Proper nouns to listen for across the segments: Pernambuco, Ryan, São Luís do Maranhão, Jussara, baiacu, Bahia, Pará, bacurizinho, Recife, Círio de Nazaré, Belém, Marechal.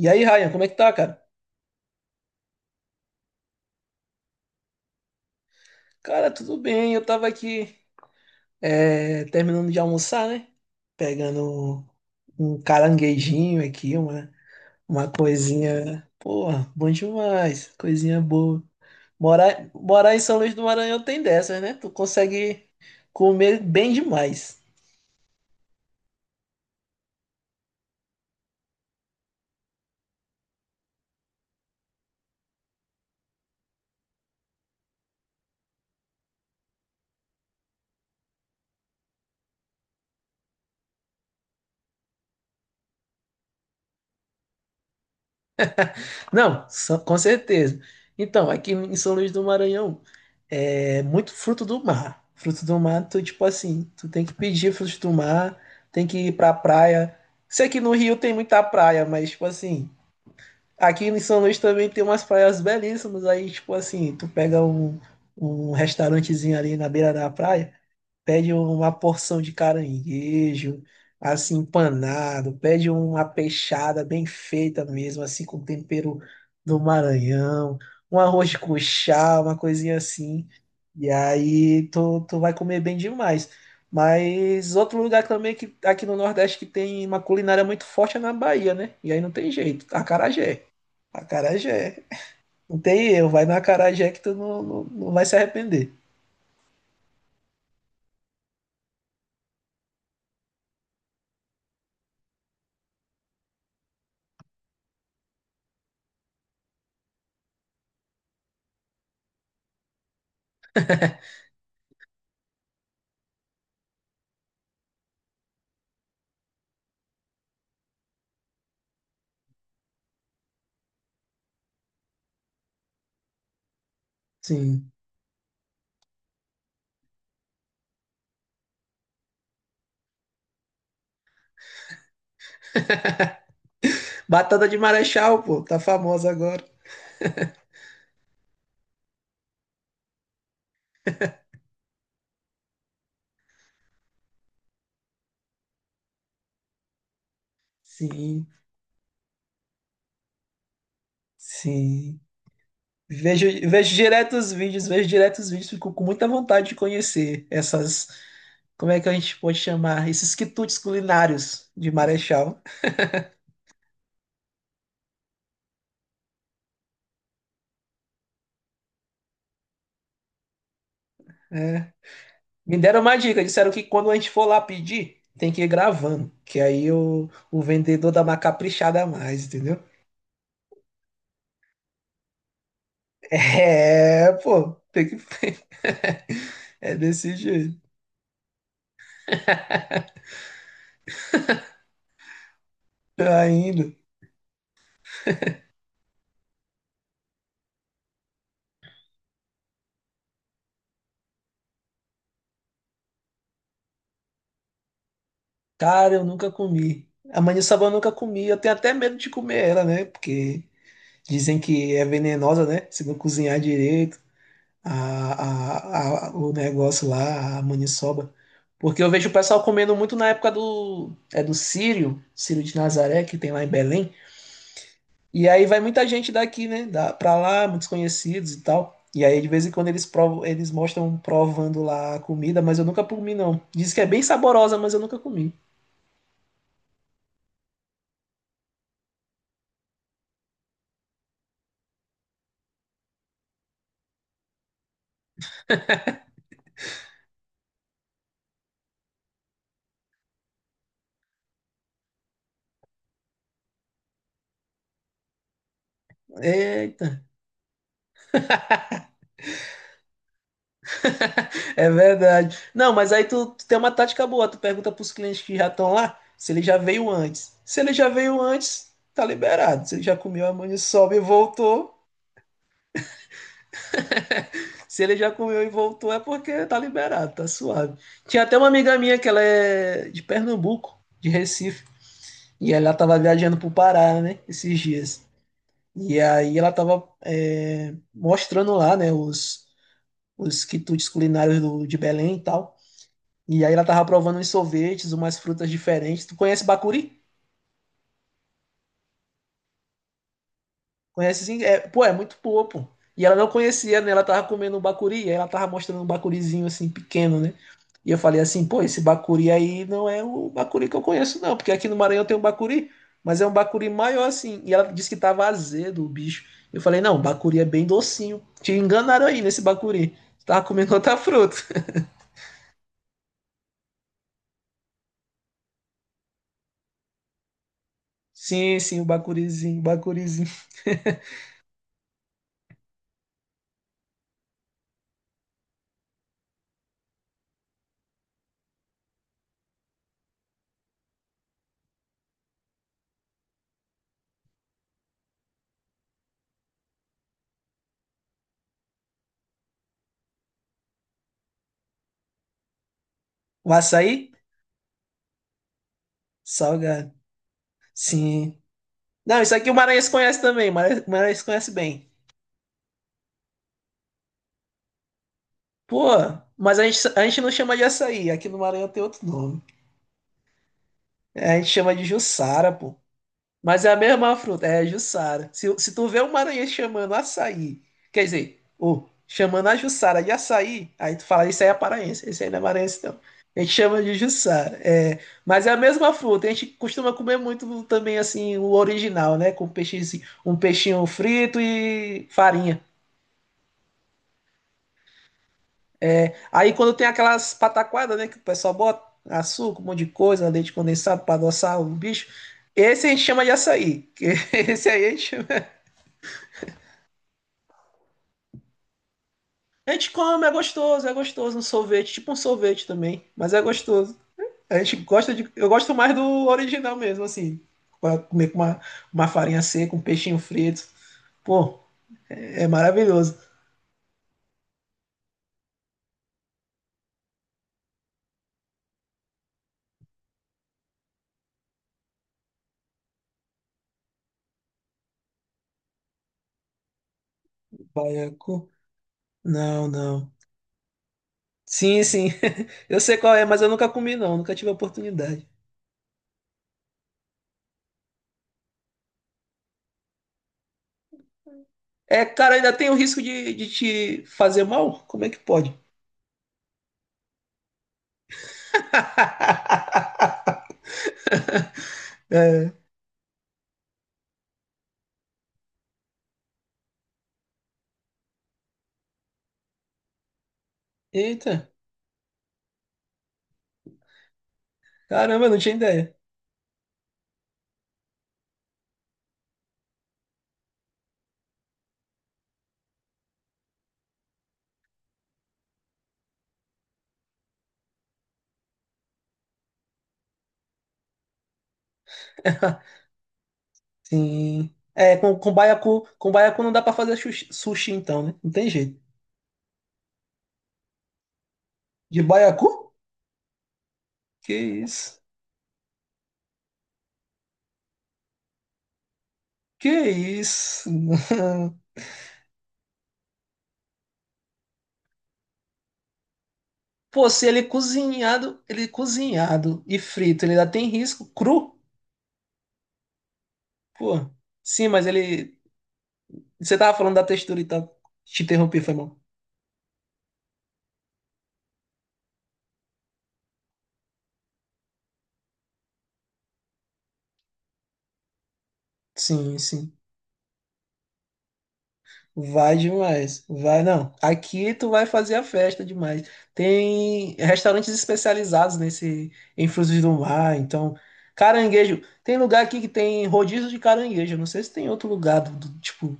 E aí, Ryan, como é que tá, cara? Cara, tudo bem. Eu tava aqui, terminando de almoçar, né? Pegando um caranguejinho aqui, uma coisinha. Porra, bom demais. Coisinha boa. Morar em São Luís do Maranhão tem dessas, né? Tu consegue comer bem demais. Não, só- com certeza. Então, aqui em São Luís do Maranhão, é muito fruto do mar. Fruto do mar, tu, tipo assim, tu tem que pedir frutos do mar, tem que ir pra praia. Sei que no Rio tem muita praia, mas, tipo assim, aqui em São Luís também tem umas praias belíssimas. Aí, tipo assim, um restaurantezinho ali na beira da praia pede uma porção de caranguejo, assim, empanado, pede uma peixada bem feita mesmo, assim, com tempero do Maranhão, um arroz de cuchá, uma coisinha assim. E aí tu vai comer bem demais. Mas outro lugar também que aqui no Nordeste que tem uma culinária muito forte é na Bahia, né? E aí não tem jeito, acarajé. Acarajé. Não tem erro, vai na acarajé que tu não vai se arrepender. Sim. Batata de Marechal, pô, tá famosa agora. Sim, sim. Vejo direto os vídeos, fico com muita vontade de conhecer essas, como é que a gente pode chamar, esses quitutes culinários de Marechal. Né? Me deram uma dica, disseram que quando a gente for lá pedir, tem que ir gravando, que aí o vendedor dá uma caprichada a mais, entendeu? É, pô, tem que. É desse jeito ainda. Cara, eu nunca comi. A maniçoba eu nunca comi. Eu tenho até medo de comer ela, né? Porque dizem que é venenosa, né? Se não cozinhar direito, o negócio lá, a maniçoba. Porque eu vejo o pessoal comendo muito na época do, é do Círio, Círio de Nazaré, que tem lá em Belém. E aí vai muita gente daqui, né? Da, pra lá, muitos conhecidos e tal. E aí de vez em quando eles provam, eles mostram provando lá a comida, mas eu nunca comi, não. Diz que é bem saborosa, mas eu nunca comi. Eita. É verdade. Não, mas aí tu tem uma tática boa. Tu pergunta pros clientes que já estão lá se ele já veio antes. Se ele já veio antes, tá liberado. Se ele já comeu a maniçoba e voltou. Se ele já comeu e voltou, é porque tá liberado, tá suave. Tinha até uma amiga minha que ela é de Pernambuco, de Recife. E ela tava viajando pro Pará, né? Esses dias. E aí ela tava mostrando lá, né? Os quitutes culinários do- de Belém e tal. E aí ela tava provando uns sorvetes, umas frutas diferentes. Tu conhece bacuri? Conhece sim? É, pô, é muito boa, pô. E ela não conhecia, né? Ela tava comendo um bacuri, e aí ela tava mostrando um bacurizinho assim, pequeno, né? E eu falei assim, pô, esse bacuri aí não é o bacuri que eu conheço, não, porque aqui no Maranhão tem um bacuri, mas é um bacuri maior assim. E ela disse que tava azedo o bicho. Eu falei, não, bacuri é bem docinho. Te enganaram aí nesse bacuri. Tu tava comendo outra fruta. Sim, sim, o bacurizinho, o bacurizinho. O açaí? Salgado. Sim. Não, isso aqui o Maranhense conhece também, o Maranhense conhece bem. Pô, mas a gente não chama de açaí, aqui no Maranhão tem outro nome. É, a gente chama de Jussara, pô. Mas é a mesma fruta, é Jussara. Se tu vê o Maranhense chamando açaí, quer dizer, ô, chamando a Jussara de açaí, aí tu fala, isso aí é paraense, isso aí não é maranhense não. A gente chama de Jussara. É, mas é a mesma fruta, a gente costuma comer muito também assim, o original, né? Com peixe, um peixinho frito e farinha. Aí quando tem aquelas pataquadas, né, que o pessoal bota açúcar, um monte de coisa, leite condensado para adoçar o bicho, esse a gente chama de açaí. Que Esse aí a gente, chama- A gente come, é gostoso, um sorvete, tipo um sorvete também, mas é gostoso. A gente gosta de, eu gosto mais do original mesmo, assim, pra comer com uma farinha seca, um peixinho frito. Pô, é, é maravilhoso. Baiacu? Não, não. Sim, sim. Eu sei qual é, mas eu nunca comi não, nunca tive a oportunidade. É, cara, ainda tem o risco de te fazer mal? Como é que pode? É. Eita, caramba, não tinha ideia. Sim. É, com baiacu não dá pra fazer sushi, então, né? Não tem jeito. De baiacu? Que isso? Que isso? Pô, se ele é cozinhado, ele é cozinhado e frito, ele ainda tem risco cru? Pô. Sim, mas ele, você tava falando da textura e tal. Te interrompi, foi mal. Sim, sim. Vai demais, vai não. Aqui tu vai fazer a festa demais. Tem restaurantes especializados nesse em frutos do mar, então caranguejo. Tem lugar aqui que tem rodízio de caranguejo. Não sei se tem outro lugar do, do- tipo,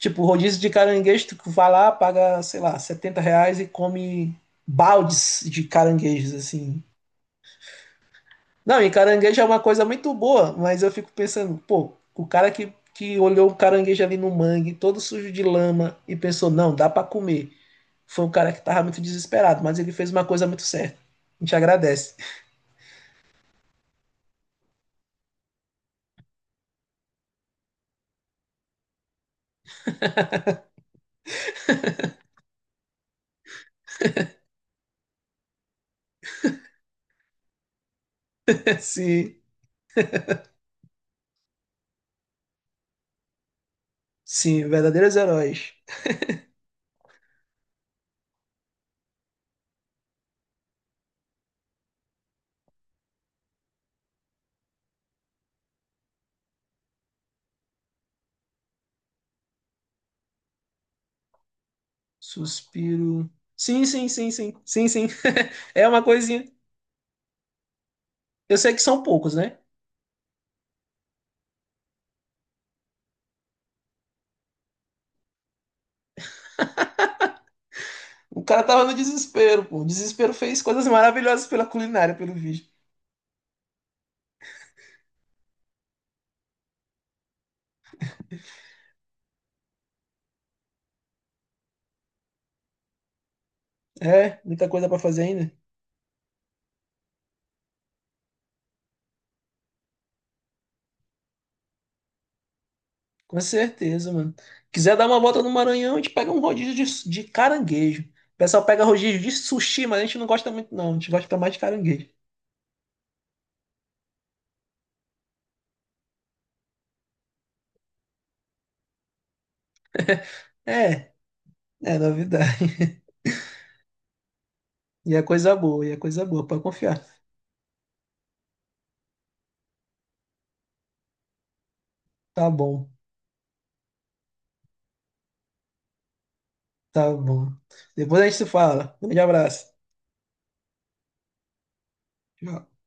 tipo rodízio de caranguejo. Tu vai lá, paga, sei lá, R$ 70 e come baldes de caranguejos assim. Não, e caranguejo é uma coisa muito boa, mas eu fico pensando, pô, o cara que olhou o caranguejo ali no mangue, todo sujo de lama, e pensou, não, dá pra comer. Foi um cara que tava muito desesperado, mas ele fez uma coisa muito certa. A gente agradece. Sim, sim, verdadeiros heróis. Suspiro. Sim, sim. É uma coisinha. Eu sei que são poucos, né? O cara tava no desespero, pô. O desespero fez coisas maravilhosas pela culinária, pelo vídeo. É, muita coisa pra fazer ainda? Com certeza, mano. Quiser dar uma volta no Maranhão, a gente pega um rodízio de caranguejo. O pessoal pega rodízio de sushi, mas a gente não gosta muito, não. A gente gosta mais de caranguejo. É, é novidade. E é coisa boa, e é coisa boa, pode confiar. Tá bom, tá bom. Depois a gente se fala. Um grande abraço. Tchau.